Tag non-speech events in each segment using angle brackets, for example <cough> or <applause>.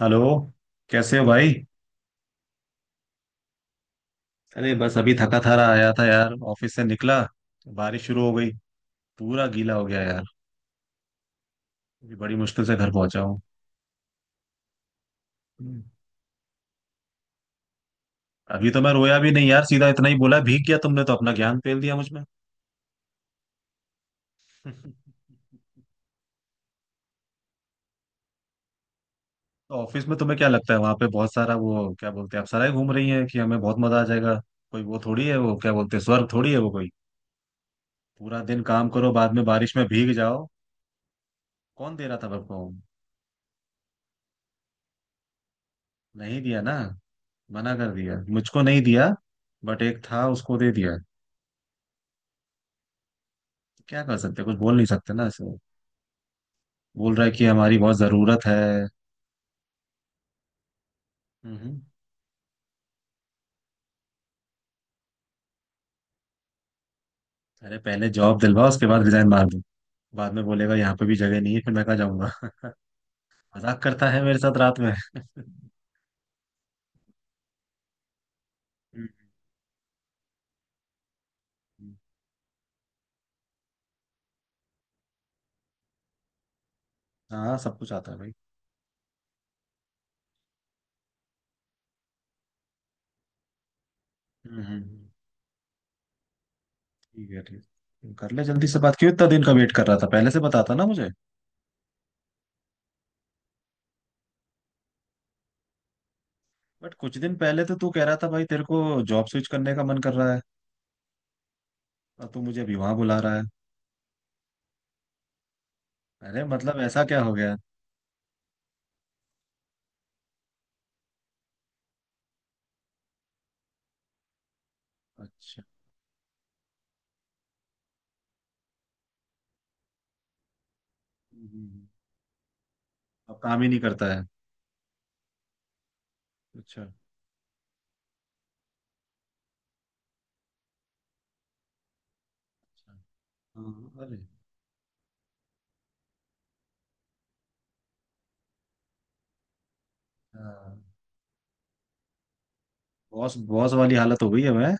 Hello. कैसे हो भाई? अरे बस अभी थका थारा आया था यार, ऑफिस से निकला, बारिश शुरू हो गई, पूरा गीला हो गया यार। अभी बड़ी मुश्किल से घर पहुंचा हूँ। हम्म। अभी तो मैं रोया भी नहीं यार, सीधा इतना ही बोला भीग गया, तुमने तो अपना ज्ञान फेल दिया मुझ में। <laughs> तो ऑफिस में तुम्हें क्या लगता है, वहां पे बहुत सारा वो क्या बोलते हैं, आप सराय घूम रही हैं कि हमें बहुत मजा आ जाएगा? कोई वो थोड़ी है, वो क्या बोलते हैं स्वर्ग थोड़ी है वो कोई। पूरा दिन काम करो, बाद में बारिश में भीग जाओ। कौन दे रहा था सबको? नहीं दिया ना, मना कर दिया, मुझको नहीं दिया। बट एक था उसको दे दिया। क्या कर सकते, कुछ बोल नहीं सकते ना ऐसे। बोल रहा है कि हमारी बहुत जरूरत है। हम्म। अरे पहले जॉब दिलवा, उसके बाद रिजाइन मार दो। बाद में बोलेगा यहाँ पे भी जगह नहीं है, फिर मैं कहाँ जाऊंगा। <laughs> मजाक करता है मेरे साथ रात में। <laughs> हम्म। हाँ सब कुछ आता है भाई। हम्म, हम्म। ठीक है। ठीक है। कर ले जल्दी से बात, क्यों इतना दिन का वेट कर रहा था, पहले से बताता ना मुझे। बट कुछ दिन पहले तो तू कह रहा था भाई तेरे को जॉब स्विच करने का मन कर रहा है, और तू मुझे अभी वहां बुला रहा है? अरे मतलब ऐसा क्या हो गया? अच्छा। हम्म। अब काम ही नहीं करता है। अच्छा। अच्छा। हाँ। अरे। हाँ। बॉस बॉस वाली हालत हो गई है मैं।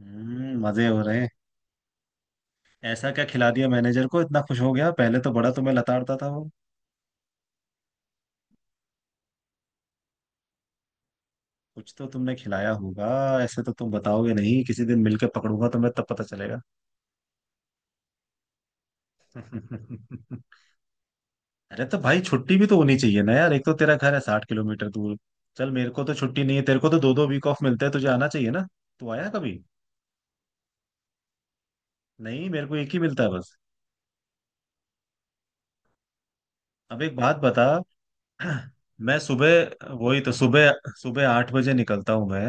हम्म, मजे हो रहे हैं। ऐसा क्या खिला दिया मैनेजर को इतना खुश हो गया, पहले तो बड़ा तुम्हें लताड़ता था वो। कुछ तो तुमने खिलाया होगा। ऐसे तो तुम बताओगे नहीं, किसी दिन मिलके पकड़ूंगा तुम्हें तब पता चलेगा। <laughs> अरे तो भाई छुट्टी भी तो होनी चाहिए ना यार, एक तो तेरा घर है 60 किलोमीटर दूर। चल मेरे को तो छुट्टी नहीं है, तेरे को तो दो दो वीक ऑफ मिलते हैं, तुझे आना चाहिए ना। तू आया कभी? नहीं मेरे को एक ही मिलता है बस। अब एक बात बता। <clears throat> मैं सुबह, वही तो, सुबह सुबह 8 बजे निकलता हूँ मैं।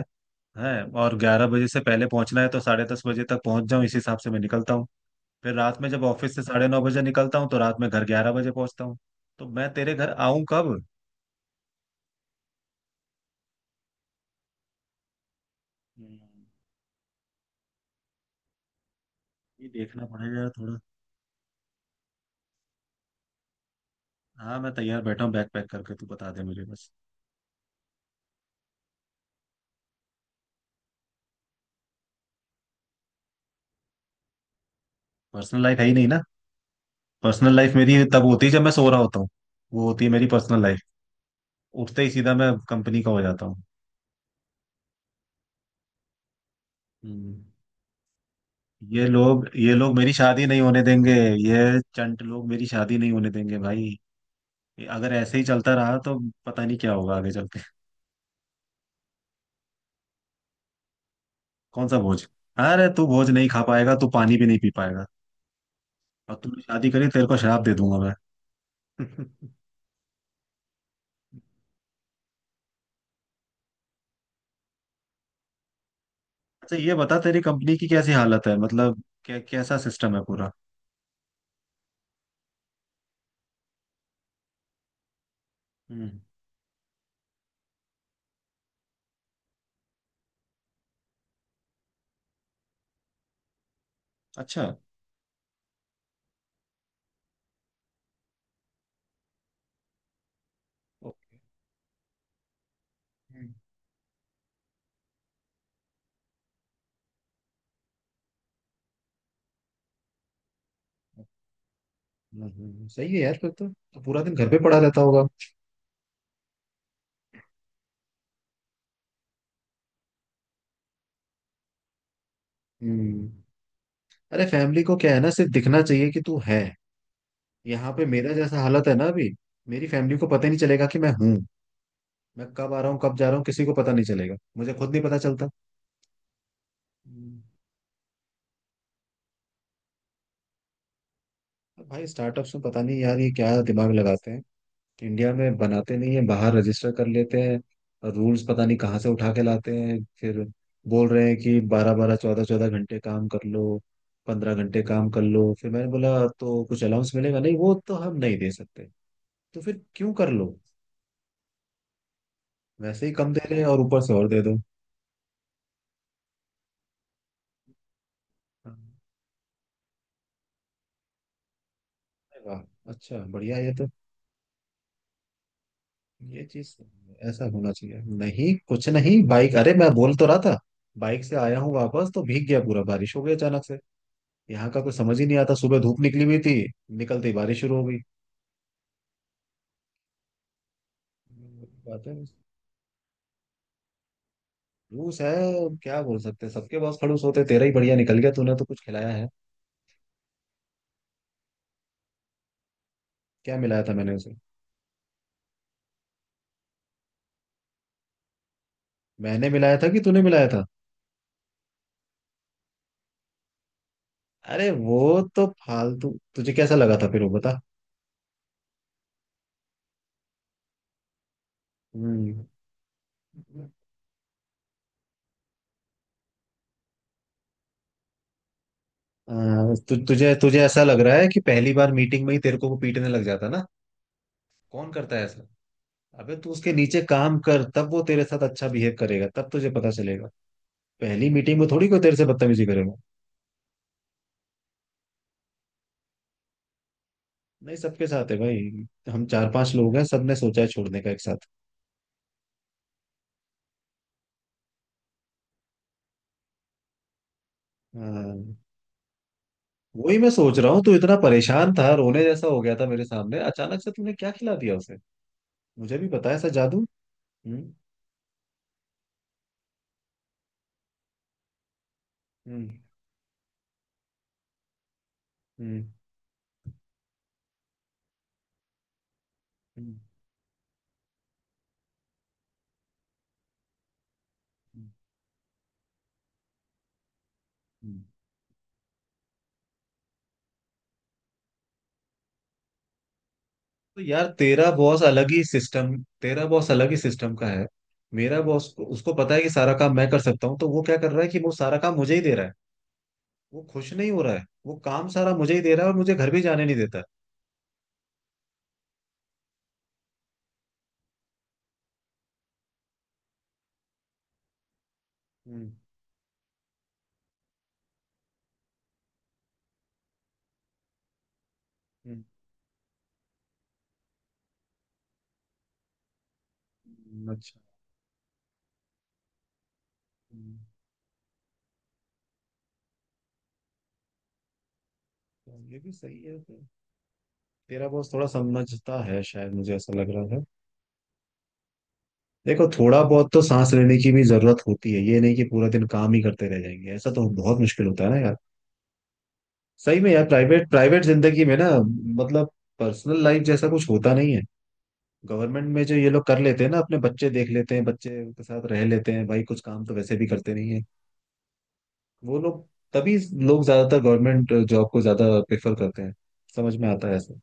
है। और 11 बजे से पहले पहुंचना है तो 10:30 बजे तक पहुंच जाऊँ इस हिसाब से मैं निकलता हूँ। फिर रात में जब ऑफिस से 9:30 बजे निकलता हूँ तो रात में घर 11 बजे पहुंचता हूँ। तो मैं तेरे घर आऊं कब? हम्म। ये देखना पड़ेगा यार थोड़ा। हाँ मैं तैयार बैठा हूँ, बैग पैक करके, तू बता दे मुझे बस। पर्सनल लाइफ है ही नहीं ना। पर्सनल लाइफ मेरी तब होती है जब मैं सो रहा होता हूँ, वो होती है मेरी पर्सनल लाइफ। उठते ही सीधा मैं कंपनी का हो जाता हूँ। हम्म। ये लोग मेरी शादी नहीं होने देंगे। ये चंट लोग मेरी शादी नहीं होने देंगे भाई, अगर ऐसे ही चलता रहा तो पता नहीं क्या होगा आगे चल के। कौन सा भोज? अरे तू भोज नहीं खा पाएगा, तू पानी भी नहीं पी पाएगा। और तूने शादी करी तेरे को शराब दे दूंगा मैं। <laughs> अच्छा ये बता तेरी कंपनी की कैसी हालत है, मतलब क्या कैसा सिस्टम है पूरा? हम्म। अच्छा। ओके। हम्म, सही है यार, फिर तो पूरा दिन घर पे पड़ा रहता होगा। हम्म। अरे फैमिली को क्या है ना, सिर्फ दिखना चाहिए कि तू है। यहाँ पे मेरा जैसा हालत है ना अभी, मेरी फैमिली को पता ही नहीं चलेगा कि मैं हूँ। मैं कब आ रहा हूँ कब जा रहा हूँ, किसी को पता नहीं चलेगा, मुझे खुद नहीं पता चलता। हम्म। अब भाई स्टार्टअप्स में पता नहीं यार ये क्या दिमाग लगाते हैं, इंडिया में बनाते नहीं है बाहर रजिस्टर कर लेते हैं, और रूल्स पता नहीं कहाँ से उठा के लाते हैं फिर। बोल रहे हैं कि बारह बारह चौदह चौदह घंटे काम कर लो, 15 घंटे काम कर लो, फिर मैंने बोला तो कुछ अलाउंस मिलेगा? नहीं, वो तो हम नहीं दे सकते। तो फिर क्यों कर लो? वैसे ही कम दे रहे हैं और ऊपर से और दे दो। अरे वाह, अच्छा बढ़िया ये तो, ये चीज ऐसा होना चाहिए। नहीं कुछ नहीं, बाइक, अरे मैं बोल तो रहा था बाइक से आया हूँ, वापस तो भीग गया पूरा, बारिश हो गई अचानक से। यहाँ का कुछ समझ ही नहीं आता, सुबह धूप निकली हुई थी, निकलते ही बारिश शुरू हो गई। बात है। खड़ूस है। क्या बोल सकते हैं, सबके पास खड़ूस होते हैं, तेरा ही बढ़िया निकल गया, तूने तो कुछ खिलाया है। क्या मिलाया था मैंने उसे? मैंने मिलाया था कि तूने मिलाया था? अरे वो। तो फालतू तुझे कैसा लगा था फिर, वो बता। हम्म। हाँ, तु, तुझे तुझे ऐसा लग रहा है कि पहली बार मीटिंग में ही तेरे को वो पीटने लग जाता ना? कौन करता है ऐसा? अबे तू उसके नीचे काम कर, तब वो तेरे साथ अच्छा बिहेव करेगा, तब तुझे पता चलेगा। पहली मीटिंग में थोड़ी कोई तेरे से बदतमीजी करेगा। नहीं सबके साथ है भाई, हम चार पांच लोग हैं, सबने सोचा है छोड़ने का एक साथ। हाँ। वही मैं सोच रहा हूँ, तू इतना परेशान था, रोने जैसा हो गया था मेरे सामने, अचानक से तूने क्या खिला दिया उसे, मुझे भी पता है ऐसा जादू। हम्म। हम्म। हम्म। हम्म। हम्म, हम्म। तो यार तेरा बॉस अलग ही सिस्टम, तेरा बॉस अलग ही सिस्टम का है। मेरा बॉस को, उसको पता है कि सारा काम मैं कर सकता हूँ, तो वो क्या कर रहा है कि वो सारा काम मुझे ही दे रहा है। वो खुश नहीं हो रहा है, वो काम सारा मुझे ही दे रहा है और मुझे घर भी जाने नहीं देता। हम्म। हम्म। अच्छा। हम्म, तो ये भी सही है फिर। तेरा बॉस थोड़ा समझता है शायद, मुझे ऐसा लग रहा है। देखो थोड़ा बहुत तो सांस लेने की भी जरूरत होती है, ये नहीं कि पूरा दिन काम ही करते रह जाएंगे, ऐसा तो बहुत मुश्किल होता है ना यार। सही में यार, प्राइवेट प्राइवेट जिंदगी में ना, मतलब पर्सनल लाइफ जैसा कुछ होता नहीं है। गवर्नमेंट में जो ये लोग कर लेते हैं ना, अपने बच्चे देख लेते हैं, बच्चे के साथ रह लेते हैं, भाई कुछ काम तो वैसे भी करते नहीं है वो लोग, तभी लोग ज्यादातर गवर्नमेंट जॉब को ज्यादा प्रेफर करते हैं, समझ में आता है ऐसा।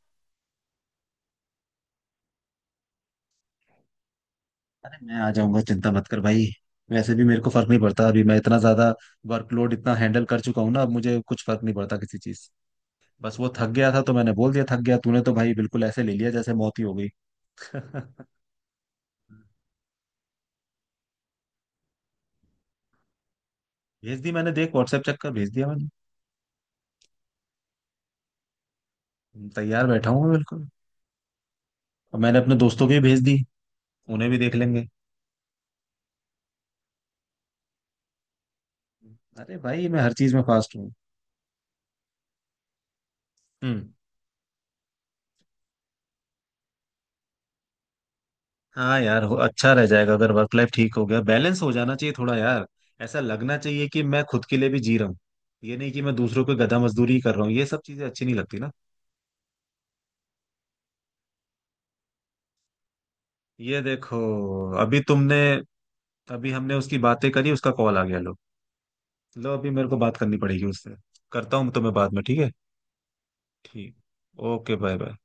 अरे मैं आ जाऊंगा, चिंता मत कर भाई। वैसे भी मेरे को फर्क नहीं पड़ता, अभी मैं इतना ज्यादा वर्कलोड इतना हैंडल कर चुका हूँ ना, अब मुझे कुछ फर्क नहीं पड़ता किसी चीज। बस वो थक गया था तो मैंने बोल दिया थक गया, तूने तो भाई बिल्कुल ऐसे ले लिया जैसे मौत ही हो गई। <laughs> भेज दी मैंने, देख व्हाट्सएप चेक कर, भेज दिया मैंने। तैयार बैठा हूँ मैं बिल्कुल, और मैंने अपने दोस्तों को भी भेज दी, उन्हें भी देख लेंगे। अरे भाई मैं हर चीज में फास्ट हूँ। हम्म। हाँ यार हो, अच्छा रह जाएगा अगर वर्क लाइफ ठीक हो गया, बैलेंस हो जाना चाहिए थोड़ा यार। ऐसा लगना चाहिए कि मैं खुद के लिए भी जी रहा हूँ, ये नहीं कि मैं दूसरों को गधा मजदूरी ही कर रहा हूँ, ये सब चीजें अच्छी नहीं लगती ना। ये देखो, अभी तुमने, अभी हमने उसकी बातें करी, उसका कॉल आ गया, लो। लो अभी मेरे को बात करनी पड़ेगी उससे। करता हूँ तुम्हें बाद में, ठीक है। ठीक। Okay, bye bye.